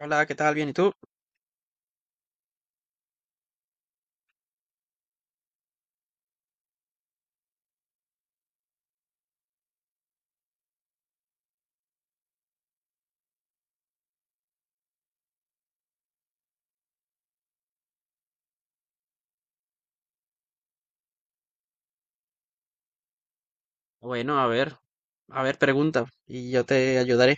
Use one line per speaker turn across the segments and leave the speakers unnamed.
Hola, ¿qué tal? Bien, ¿y tú? Bueno, a ver, pregunta y yo te ayudaré.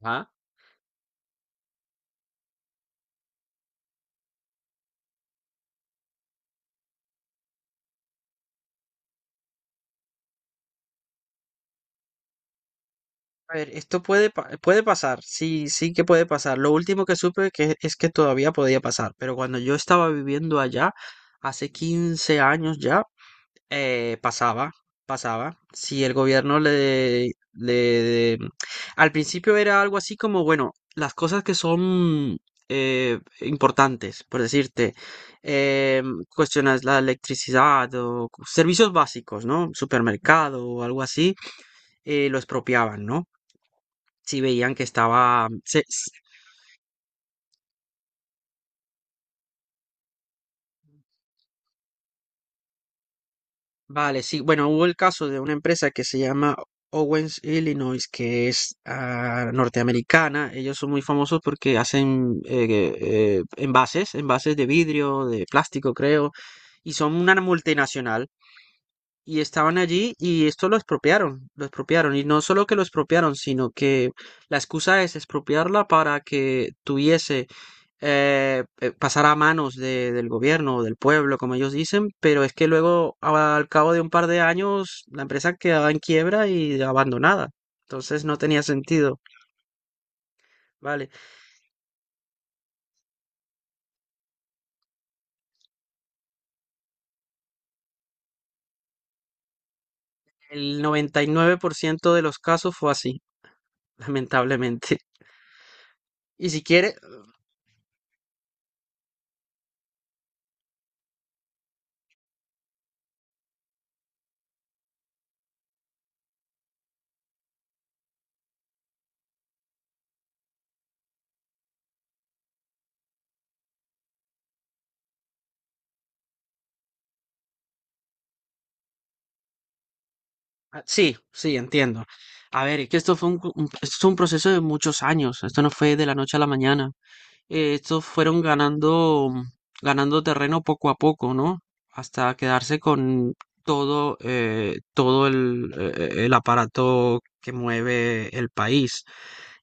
Ajá. A ver, esto puede, puede pasar, sí, sí que puede pasar. Lo último que supe que es que todavía podía pasar, pero cuando yo estaba viviendo allá, hace 15 años ya. Pasaba, pasaba. Si el gobierno le, le... Al principio era algo así como, bueno, las cosas que son importantes, por decirte, eh, cuestiones la electricidad o servicios básicos, ¿no? Supermercado o algo así, lo expropiaban, ¿no? Si veían que estaba... Vale, sí. Bueno, hubo el caso de una empresa que se llama Owens, Illinois, que es ah, norteamericana. Ellos son muy famosos porque hacen envases, envases de vidrio, de plástico, creo, y son una multinacional. Y estaban allí y esto lo expropiaron, lo expropiaron. Y no solo que lo expropiaron, sino que la excusa es expropiarla para que tuviese, pasar a manos del gobierno o del pueblo, como ellos dicen, pero es que luego al cabo de un par de años la empresa quedaba en quiebra y abandonada. Entonces no tenía sentido. Vale, el 99% de los casos fue así, lamentablemente. Y si quieres, ah, sí, sí, entiendo. A ver, es que esto fue esto es un proceso de muchos años, esto no fue de la noche a la mañana. Estos fueron ganando, ganando terreno poco a poco, ¿no? Hasta quedarse con todo, todo el aparato que mueve el país.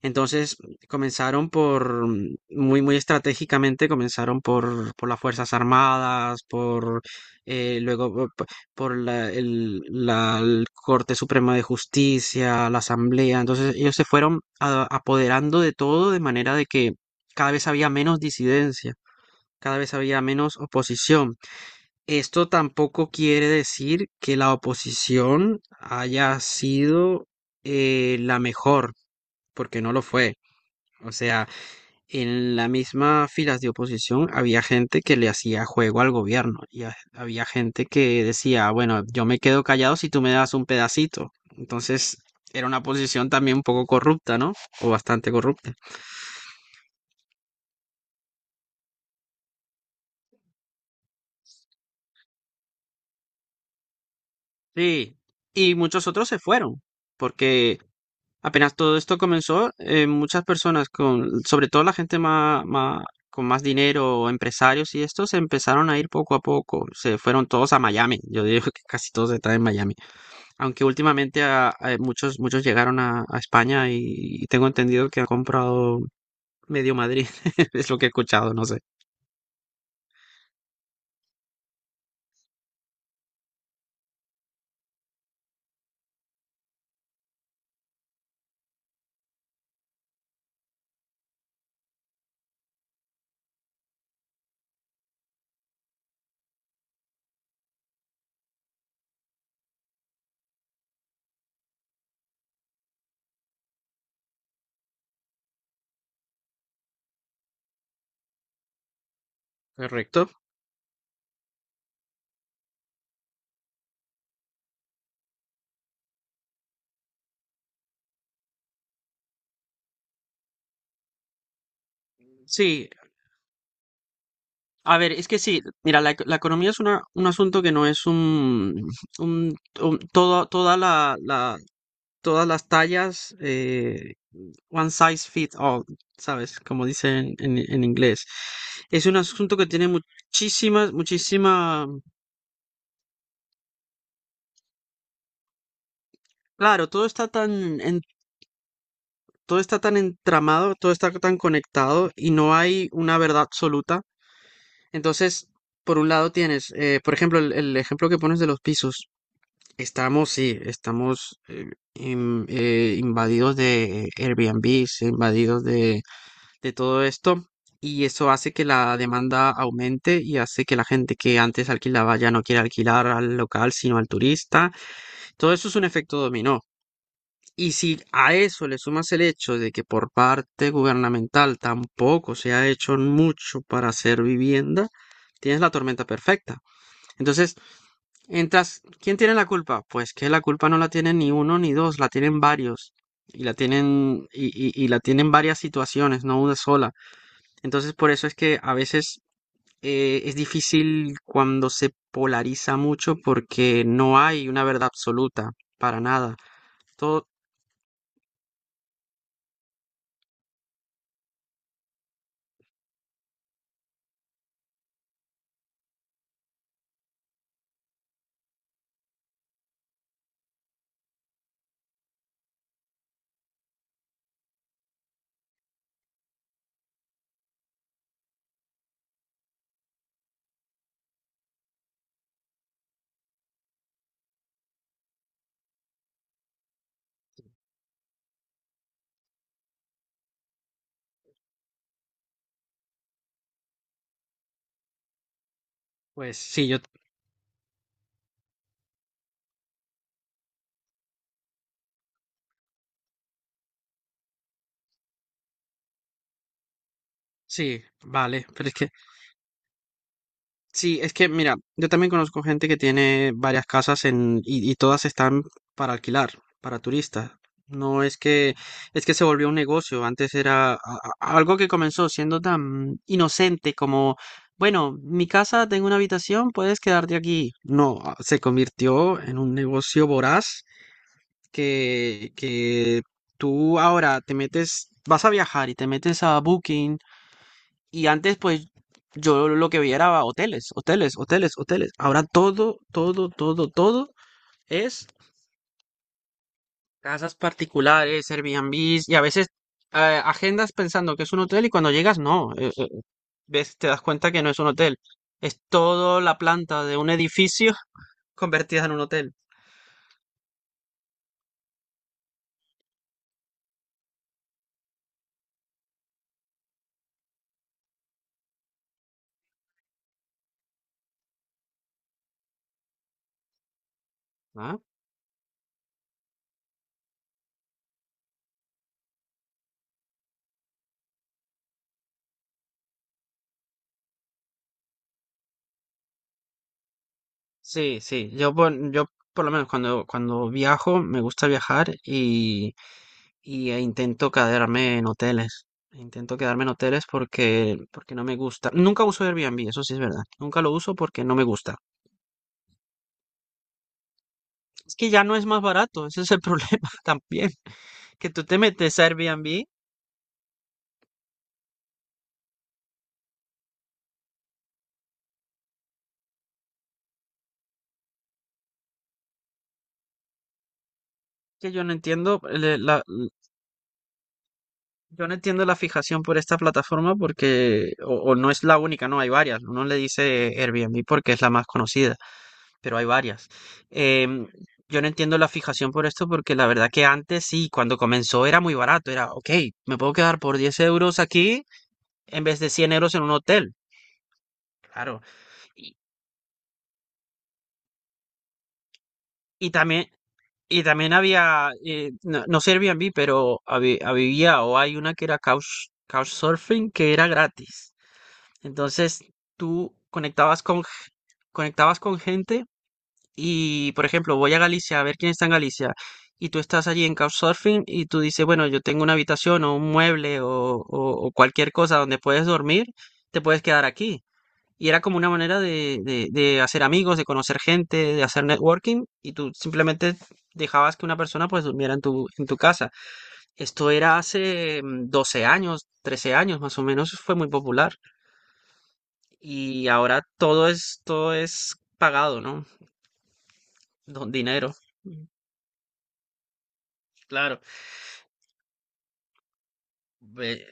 Entonces comenzaron por, muy, muy estratégicamente, comenzaron por las Fuerzas Armadas, por luego por la el Corte Suprema de Justicia, la Asamblea. Entonces ellos se fueron apoderando de todo de manera de que cada vez había menos disidencia, cada vez había menos oposición. Esto tampoco quiere decir que la oposición haya sido la mejor, porque no lo fue. O sea, en la misma filas de oposición había gente que le hacía juego al gobierno y había gente que decía, bueno, yo me quedo callado si tú me das un pedacito. Entonces era una posición también un poco corrupta, ¿no? O bastante corrupta. Sí. Y muchos otros se fueron, porque apenas todo esto comenzó, muchas personas con, sobre todo la gente más, con más dinero, o empresarios y estos, se empezaron a ir poco a poco. Se fueron todos a Miami. Yo digo que casi todos están en Miami. Aunque últimamente muchos, muchos llegaron a España y tengo entendido que han comprado medio Madrid, es lo que he escuchado, no sé. Correcto. Sí, a ver, es que sí, mira, la economía es una, un asunto que no es un, todo, toda todas las tallas, one size fits all, ¿sabes? Como dicen en inglés. Es un asunto que tiene muchísimas, muchísima, claro, todo está tan, todo está tan entramado, todo está tan conectado y no hay una verdad absoluta. Entonces, por un lado tienes, por ejemplo, el ejemplo que pones de los pisos. Estamos, sí, estamos invadidos de Airbnb, invadidos de todo esto. Y eso hace que la demanda aumente y hace que la gente que antes alquilaba ya no quiera alquilar al local, sino al turista. Todo eso es un efecto dominó. Y si a eso le sumas el hecho de que por parte gubernamental tampoco se ha hecho mucho para hacer vivienda, tienes la tormenta perfecta. Entonces, entras, ¿quién tiene la culpa? Pues que la culpa no la tienen ni uno ni dos, la tienen varios. Y la tienen, y la tienen varias situaciones, no una sola. Entonces, por eso es que a veces es difícil cuando se polariza mucho porque no hay una verdad absoluta, para nada. Todo, pues sí, yo sí, vale, pero es que, sí, es que, mira, yo también conozco gente que tiene varias casas en, y todas están para alquilar, para turistas. No es que, es que se volvió un negocio, antes era algo que comenzó siendo tan inocente como, bueno, mi casa, tengo una habitación, puedes quedarte aquí. No, ah, se convirtió en un negocio voraz que tú ahora te metes, vas a viajar y te metes a Booking. Y antes, pues, yo lo que veía era hoteles, hoteles, hoteles, hoteles. Ahora todo es casas particulares, Airbnbs y a veces agendas pensando que es un hotel y cuando llegas no, ves, te das cuenta que no es un hotel. Es toda la planta de un edificio convertida en un hotel. ¿Ah? Sí, sí. Yo por lo menos cuando, cuando viajo, me gusta viajar. Y intento quedarme en hoteles. Intento quedarme en hoteles porque, porque no me gusta. Nunca uso Airbnb, eso sí es verdad. Nunca lo uso porque no me gusta. Es que ya no es más barato, ese es el problema también. Que tú te metes a Airbnb, que yo no entiendo yo no entiendo la fijación por esta plataforma porque, o no es la única, no, hay varias. Uno le dice Airbnb porque es la más conocida, pero hay varias. Em, yo no entiendo la fijación por esto porque la verdad que antes sí, cuando comenzó era muy barato, era, ok, me puedo quedar por 10 euros aquí en vez de 100 euros en un hotel, claro. Y, y también, y también había, no, no sé Airbnb, pero había o hay una que era couch, Couchsurfing que era gratis. Entonces tú conectabas con, g- conectabas con gente y, por ejemplo, voy a Galicia a ver quién está en Galicia y tú estás allí en Couchsurfing y tú dices, bueno, yo tengo una habitación o un mueble o cualquier cosa donde puedes dormir, te puedes quedar aquí. Y era como una manera de, de hacer amigos, de conocer gente, de hacer networking y tú simplemente dejabas que una persona pues durmiera en tu casa. Esto era hace 12 años, 13 años más o menos, fue muy popular. Y ahora todo es pagado, ¿no? Don dinero. Mm, claro. Ve-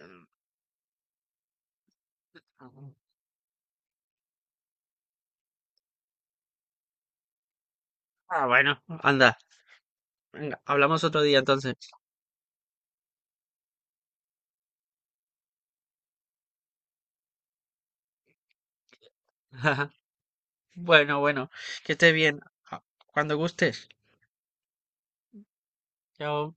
ah, bueno, anda. Venga, hablamos otro día entonces. Bueno, bueno, que estés bien. Ah, cuando gustes. Chao.